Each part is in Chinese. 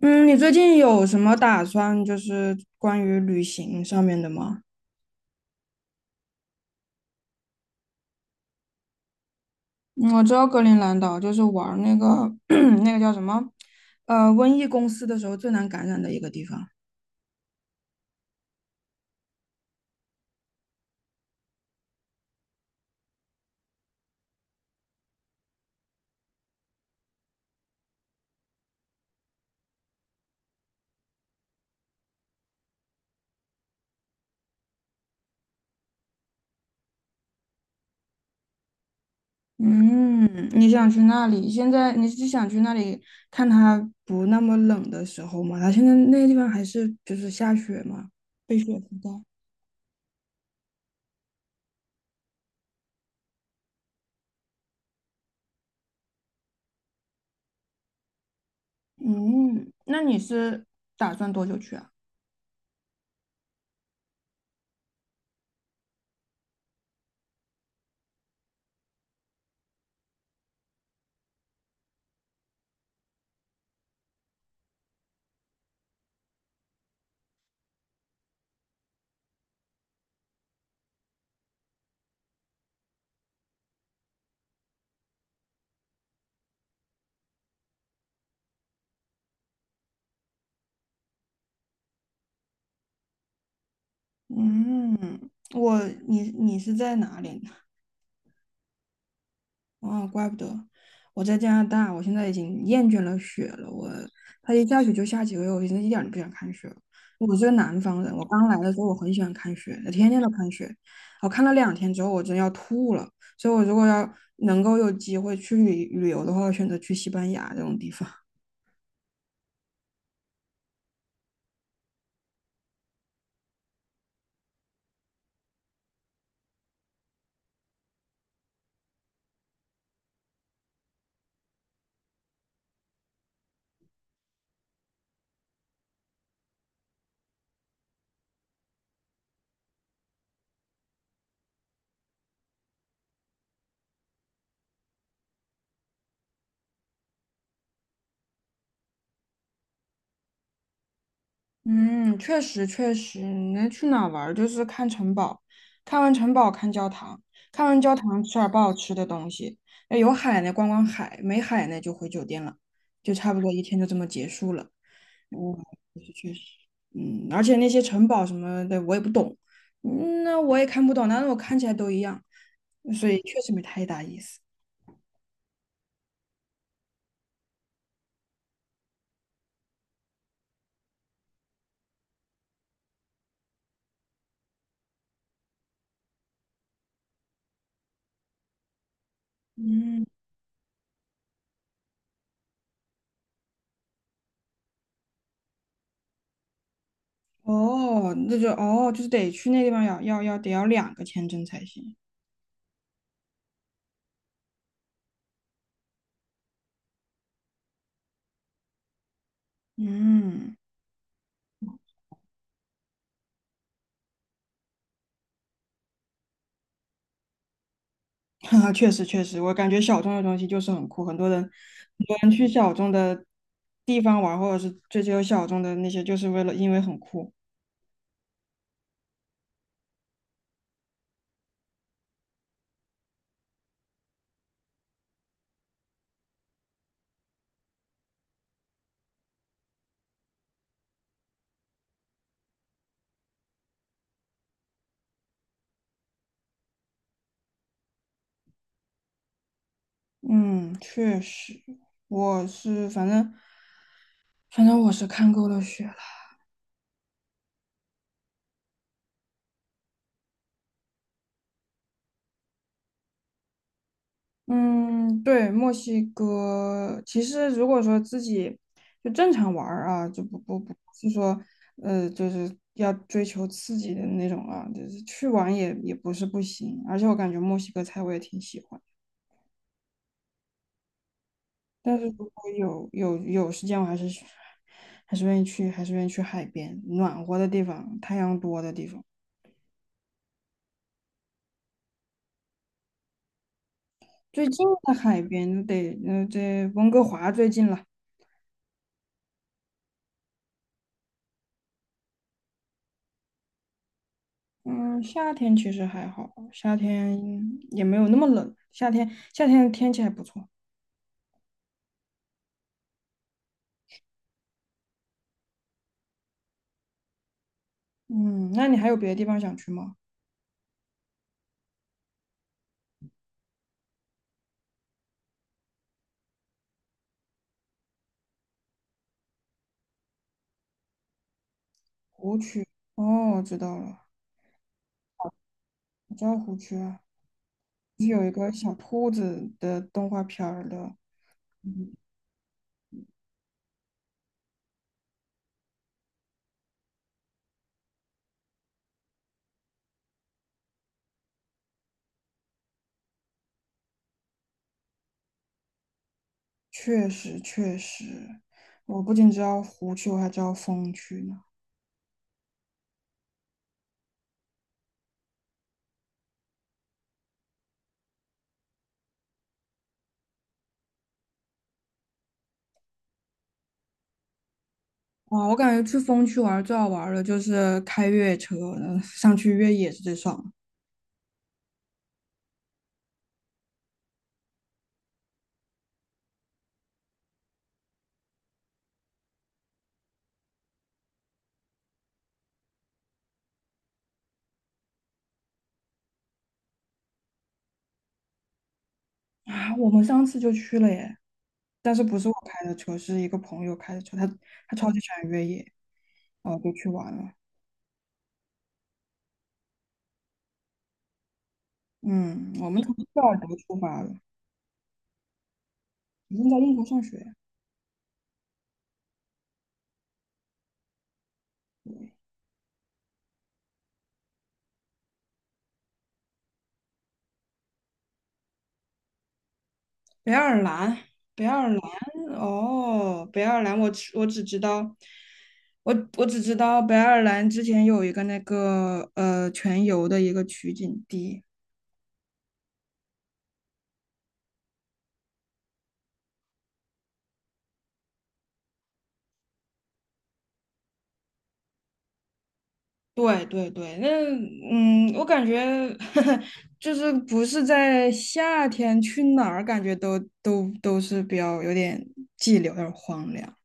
嗯，你最近有什么打算，就是关于旅行上面的吗？嗯，我知道格陵兰岛就是玩儿那个 那个叫什么，瘟疫公司的时候最难感染的一个地方。嗯，你想去那里？现在你是想去那里看它不那么冷的时候吗？它现在那个地方还是就是下雪嘛，被雪覆盖。嗯，那你是打算多久去啊？嗯，你是在哪里？哦，怪不得。我在加拿大，我现在已经厌倦了雪了。它一下雪就下几个月，我现在一点儿都不想看雪了。我是个南方人，我刚来的时候我很喜欢看雪，天天都看雪。我看了两天之后，我真要吐了。所以，我如果要能够有机会去旅旅游的话，我选择去西班牙这种地方。嗯，确实确实，你能去哪儿玩儿就是看城堡，看完城堡看教堂，看完教堂吃点儿不好吃的东西，要有海呢逛逛海，没海呢就回酒店了，就差不多一天就这么结束了。嗯，确实确实，嗯，而且那些城堡什么的我也不懂，嗯那我也看不懂，但是我看起来都一样，所以确实没太大意思。嗯，哦，那就哦，就是得去那地方要要要得要两个签证才行。嗯。哈，确实确实，我感觉小众的东西就是很酷，很多人去小众的地方玩，或者是追求小众的那些，就是为了因为很酷。嗯，确实，我是反正，反正我是看够了雪了。嗯，对，墨西哥其实如果说自己就正常玩儿啊，就不是说就是要追求刺激的那种啊，就是去玩也也不是不行，而且我感觉墨西哥菜我也挺喜欢。但是如果有时间，我还是去，还是愿意去，还是愿意去海边，暖和的地方，太阳多的地方。最近的海边得，这温哥华最近了。嗯，夏天其实还好，夏天也没有那么冷，夏天天气还不错。嗯，那你还有别的地方想去吗？哦，我知道了，我知道湖区啊，是有一个小兔子的动画片儿的。嗯，确实确实，我不仅知道湖区，我还知道风区呢。哇，我感觉去风区玩最好玩的就是开越野车，嗯，上去越野是最爽的。啊！我们上次就去了耶，但是不是我开的车，是一个朋友开的车，他超级喜欢越野，然后就去玩了。嗯，我们从贝尔德出发了，已经在英国上学。对。北爱尔兰，北爱尔兰，哦，北爱尔兰，我只知道，我只知道北爱尔兰之前有一个那个全游的一个取景地。对对对，那嗯，我感觉 就是不是在夏天去哪儿，感觉都是比较有点寂寥，有点荒凉。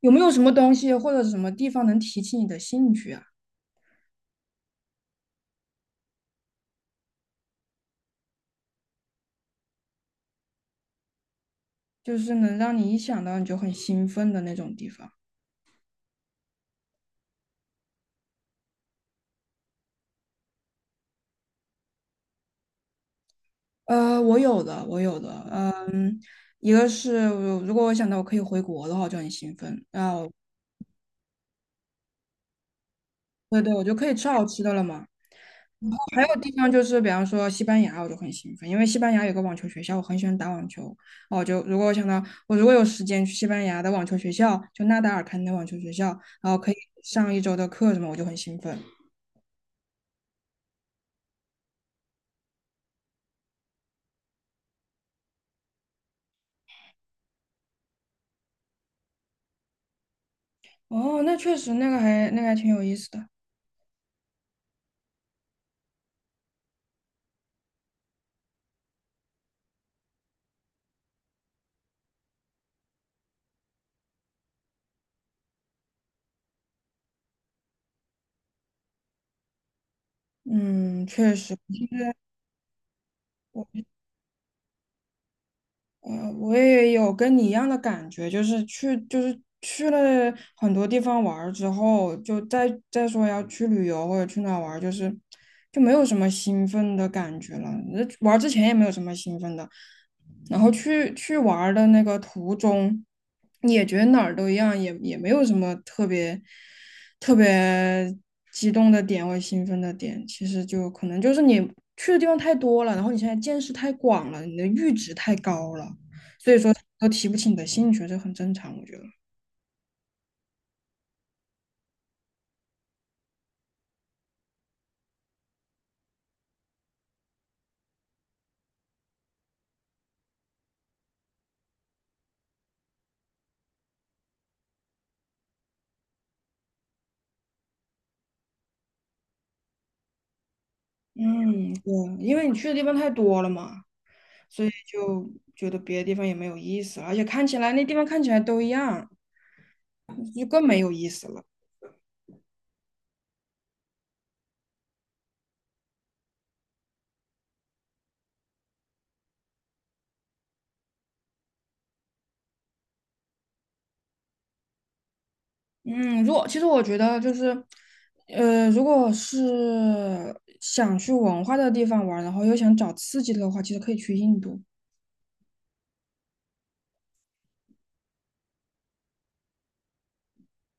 有没有什么东西或者什么地方能提起你的兴趣啊？就是能让你一想到你就很兴奋的那种地方。我有的，一个是我如果我想到我可以回国的话，我就很兴奋。然后对对，我就可以吃好吃的了嘛。还有地方就是，比方说西班牙，我就很兴奋，因为西班牙有个网球学校，我很喜欢打网球。哦，就如果我想到我如果有时间去西班牙的网球学校，就纳达尔开的那网球学校，然后可以上一周的课什么，我就很兴奋。哦，那确实那个还那个还挺有意思的。嗯，确实，现我。我也有跟你一样的感觉，就是去，就是去了很多地方玩儿之后，就再说要去旅游或者去哪儿玩儿，就是就没有什么兴奋的感觉了。那玩儿之前也没有什么兴奋的，然后去玩儿的那个途中，也觉得哪儿都一样，也也没有什么特别激动的点或兴奋的点。其实就可能就是你去的地方太多了，然后你现在见识太广了，你的阈值太高了。所以说都提不起你的兴趣，这很正常，我觉得。嗯，对，因为你去的地方太多了嘛，所以就觉得别的地方也没有意思了，而且看起来那地方看起来都一样，就更没有意思了。嗯，如果其实我觉得就是，如果是想去文化的地方玩然后又想找刺激的话，其实可以去印度。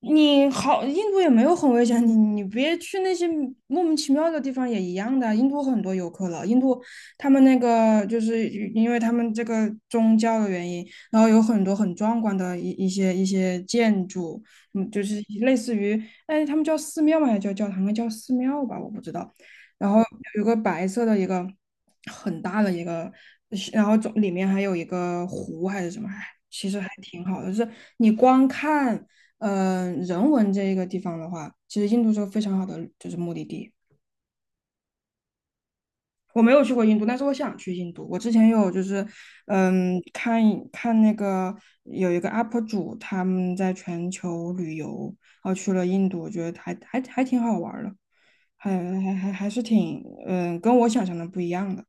你好，印度也没有很危险，你别去那些莫名其妙的地方也一样的。印度很多游客了，印度他们那个就是因为他们这个宗教的原因，然后有很多很壮观的一些建筑，嗯，就是类似于，哎，他们叫寺庙吗？还是叫教堂？应该叫寺庙吧，我不知道。然后有个白色的一个很大的一个，然后总里面还有一个湖还是什么，哎，其实还挺好的，就是你光看。嗯、人文这个地方的话，其实印度是个非常好的就是目的地。我没有去过印度，但是我想去印度。我之前有就是，嗯，看那个有一个 UP 主他们在全球旅游，然后去了印度，我觉得还挺好玩儿的，还是挺跟我想象的不一样的。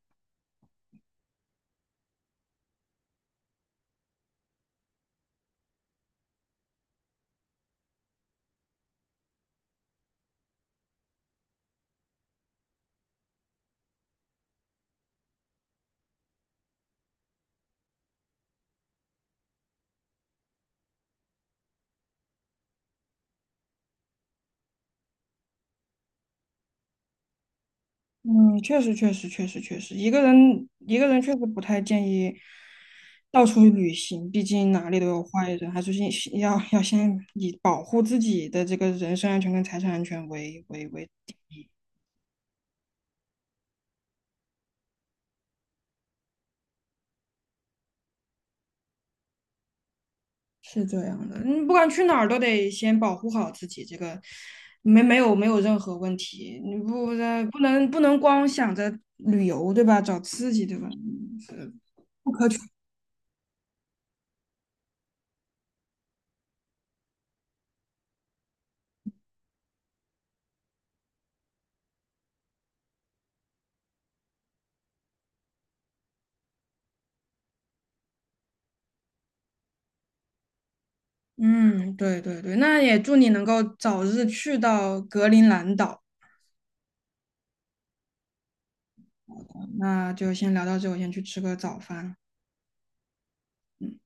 嗯，确实，确实，确实，确实，一个人确实不太建议到处旅行，毕竟哪里都有坏人，还是先要先以保护自己的这个人身安全跟财产安全为，是这样的。你不管去哪儿都得先保护好自己，这个没有任何问题。你不能光想着旅游，对吧？找刺激，对吧？嗯，是不可取。嗯，对对对，那也祝你能够早日去到格陵兰岛。那就先聊到这，我先去吃个早饭。嗯。